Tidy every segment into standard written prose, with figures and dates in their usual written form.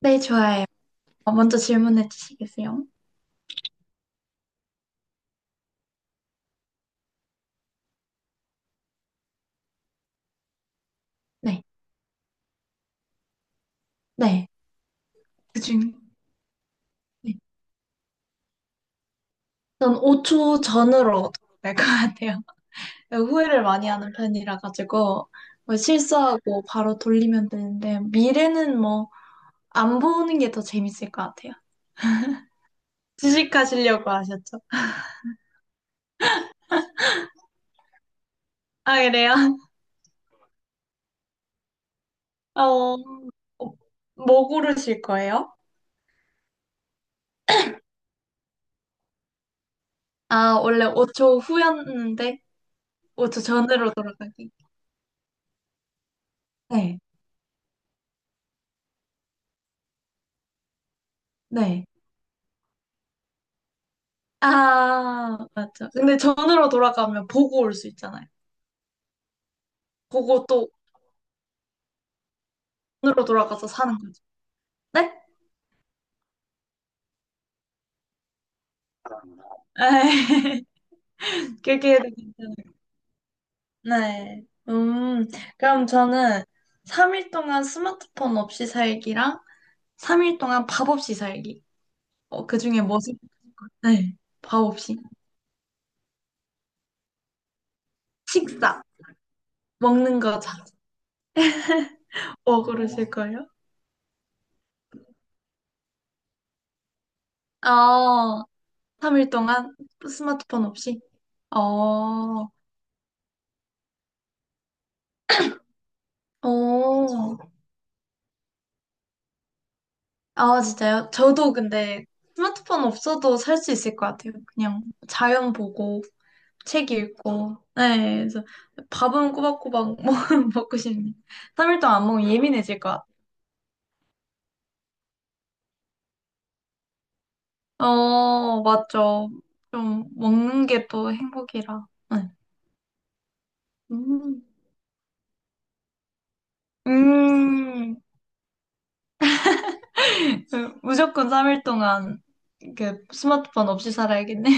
네, 좋아요. 먼저 질문해 주시겠어요? 네, 네. 그중, 네. 전 5초 전으로 될 것 같아요. 후회를 많이 하는 편이라 가지고 뭐 실수하고 바로 돌리면 되는데 미래는 뭐 안 보는 게 더 재밌을 것 같아요. 주식하시려고 하셨죠? 아, 그래요? 어, 뭐 고르실 거예요? 아, 원래 5초 후였는데 5초 전으로 돌아가기. 네, 네. 아, 맞죠. 근데 전으로 돌아가면 보고 올 수 있잖아요. 보고 또 전으로 돌아가서 사는 거죠. 네? 에이, 그렇게 해도 괜찮아요. 네. 그럼 저는 3일 동안 스마트폰 없이 살기랑 3일 동안 밥 없이 살기. 그중에 뭐지? 네, 밥 없이. 식사, 먹는 거 잘. 뭐 고르실 거예요? 어, 3일 동안 스마트폰 없이? 어, 오. 아, 진짜요? 저도 근데 스마트폰 없어도 살 수 있을 것 같아요. 그냥 자연 보고, 책 읽고. 네, 그래서 밥은 꼬박꼬박 먹고 싶네. 3일 동안 안 먹으면 예민해질 것 같아요. 어, 맞죠. 좀 먹는 게 또 행복이라. 네. 음, 음, 그 무조건 3일 동안 이렇게 스마트폰 없이 살아야겠네요.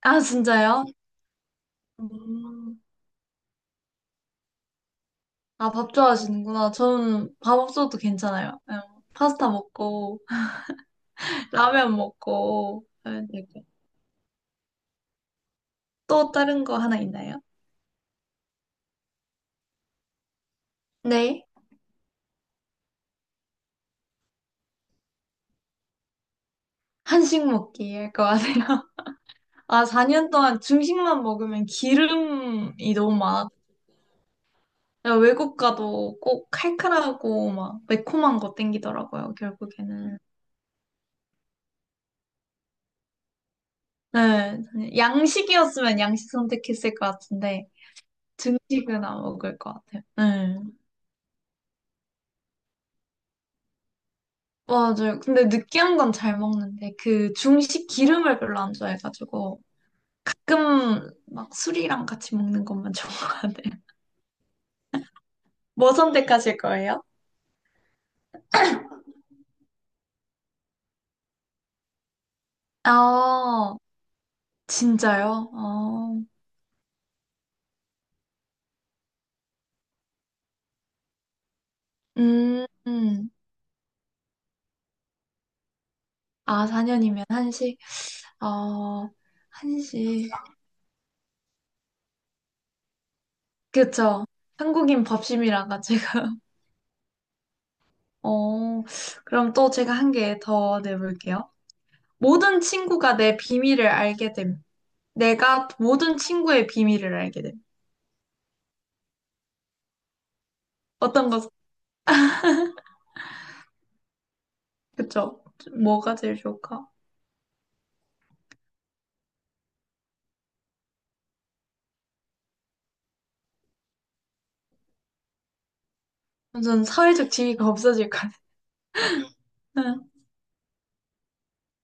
아, 진짜요? 음. 아, 밥 좋아하시는구나. 저는 밥 없어도 괜찮아요. 그냥 파스타 먹고, 라면 먹고, 하면 되고. 또 다른 거 하나 있나요? 네. 한식 먹기 할 거 아세요? 아, 4년 동안 중식만 먹으면 기름이 너무 많아. 외국 가도 꼭 칼칼하고 막 매콤한 거 땡기더라고요, 결국에는. 네. 양식이었으면 양식 선택했을 것 같은데, 중식은 안 먹을 것 같아요. 네. 맞아요. 근데 느끼한 건 잘 먹는데 그 중식 기름을 별로 안 좋아해가지고 가끔 막 술이랑 같이 먹는 것만 좋아. 뭐 선택하실 거예요? 아, 진짜요? 어, 음, 음. 아, 4년이면 한식? 어, 한식. 그쵸. 한국인 밥심이라가 제가. 어, 그럼 또 제가 한 개 더 내볼게요. 모든 친구가 내 비밀을 알게 됨. 내가 모든 친구의 비밀을 알게 됨. 어떤 거 그쵸? 뭐가 제일 좋을까? 저는 사회적 지위가 없어질 것 같아요.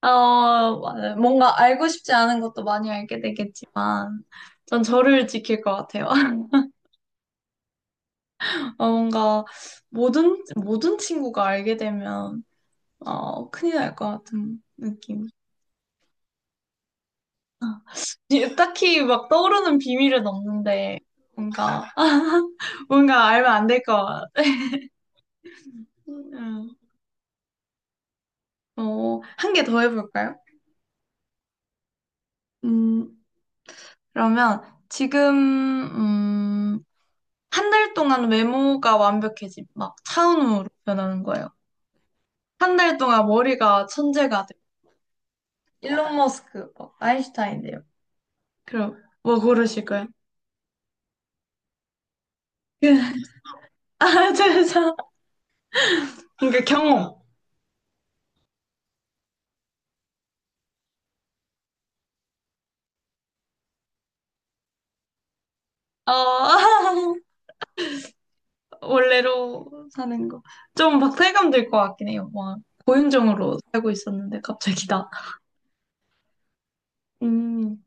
어, 맞아요. 뭔가 알고 싶지 않은 것도 많이 알게 되겠지만, 전 저를 지킬 것 같아요. 어, 뭔가 모든 친구가 알게 되면, 어, 큰일 날 것 같은 느낌. 아, 딱히 막 떠오르는 비밀은 없는데, 뭔가, 뭔가 알면 안 될 것 같아요. 음, 어, 한 개 더 해볼까요? 음, 그러면 지금, 음, 한 달 동안 외모가 완벽해짐. 막 차은우로 변하는 거예요. 한 달 동안 머리가 천재가 돼. 일론 머스크, 막 아인슈타인 돼요. 그럼 뭐 고르실 거예요? 아, 죄송. 그러니까 경험. 어, 원래로 사는 거. 좀 박탈감 들 것 같긴 해요. 막 고윤정으로 살고 있었는데 갑자기 나. 음,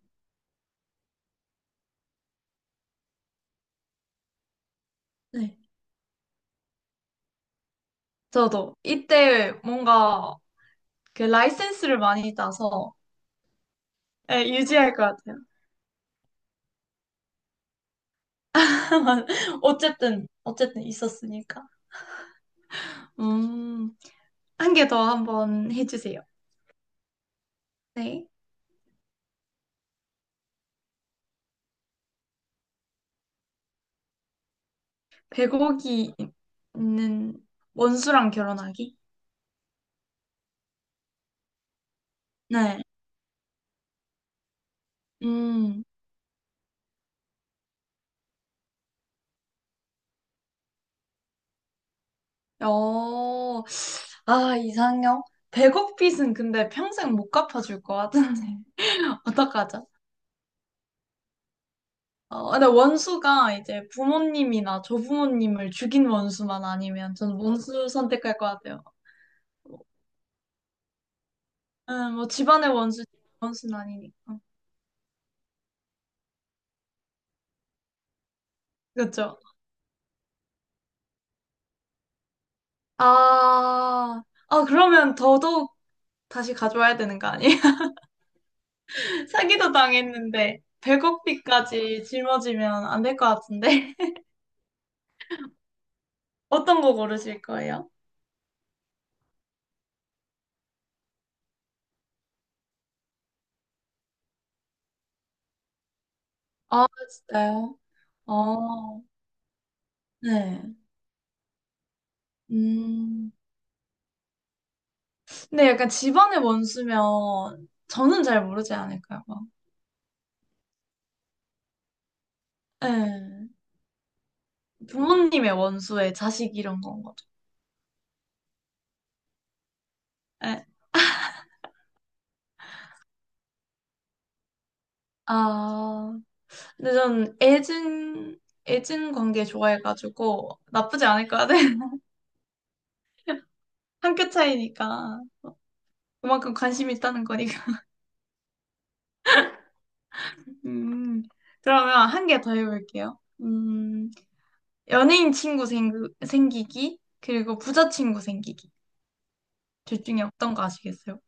네. 저도 이때 뭔가 그 라이센스를 많이 따서 예, 유지할 것 같아요. 어쨌든 있었으니까. 음, 한 개 더 한번 해주세요. 네. 100억이 있는 원수랑 결혼하기? 네. 음, 어, 아, 이상형? 100억 빚은 근데 평생 못 갚아줄 것 같은데. 어떡하죠? 어, 근데 원수가 이제 부모님이나 조부모님을 죽인 원수만 아니면 저는 원수 선택할 것 같아요. 뭐 집안의 원수, 원수는 아니니까. 그렇죠. 아, 그러면 더더욱 다시 가져와야 되는 거 아니에요? 사기도 당했는데 100억비까지 짊어지면 안 될 것 같은데. 어떤 거 고르실 거예요? 아, 진짜요? 어, 네. 음, 근데 약간 집안의 원수면 저는 잘 모르지 않을까요? 막. 네. 부모님의 원수에 자식 이런 건 거죠. 네. 아. 근데 전 애증 관계 좋아해가지고 나쁘지 않을 것 같아. 한 끗 차이니까. 그만큼 관심이 있다는 거니까. 음, 그러면 한 개 더 해볼게요. 연예인 생기기, 그리고 부자 친구 생기기. 둘 중에 어떤 거 아시겠어요?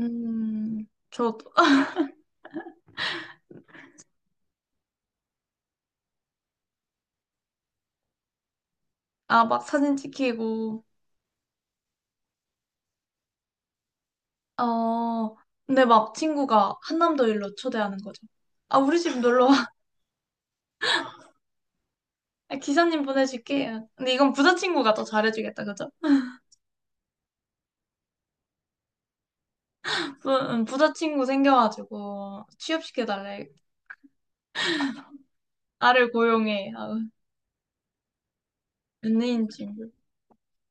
저도, 아, 막 사진 찍히고, 어, 근데 막 친구가 한남도 일로 초대하는 거죠. 아, 우리 집 놀러 아, 기사님 보내줄게요. 근데 이건 부자친구가 더 잘해주겠다, 그죠? 부, 부자친구 생겨가지고 취업시켜달래. 나를 고용해. 아, 연예인 친구.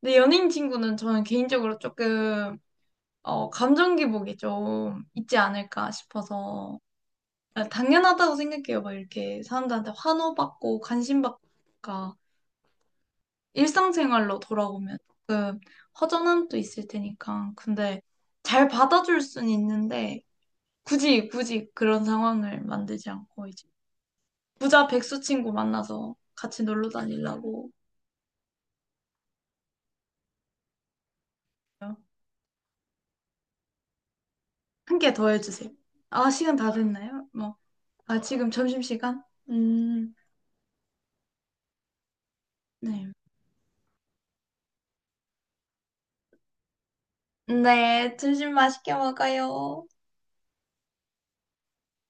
근데 연예인 친구는 저는 개인적으로 조금 어, 감정 기복이 좀 있지 않을까 싶어서 아, 당연하다고 생각해요. 막 이렇게 사람들한테 환호받고 관심받고 그러니까 일상생활로 돌아오면 조금 허전함도 있을 테니까. 근데 잘 받아줄 순 있는데 굳이 그런 상황을 만들지 않고 이제 부자 백수 친구 만나서 같이 놀러 다니려고 한 개 더 해주세요. 아, 시간 다 됐나요? 뭐, 아, 지금 점심시간? 음, 네. 네, 점심 맛있게 먹어요.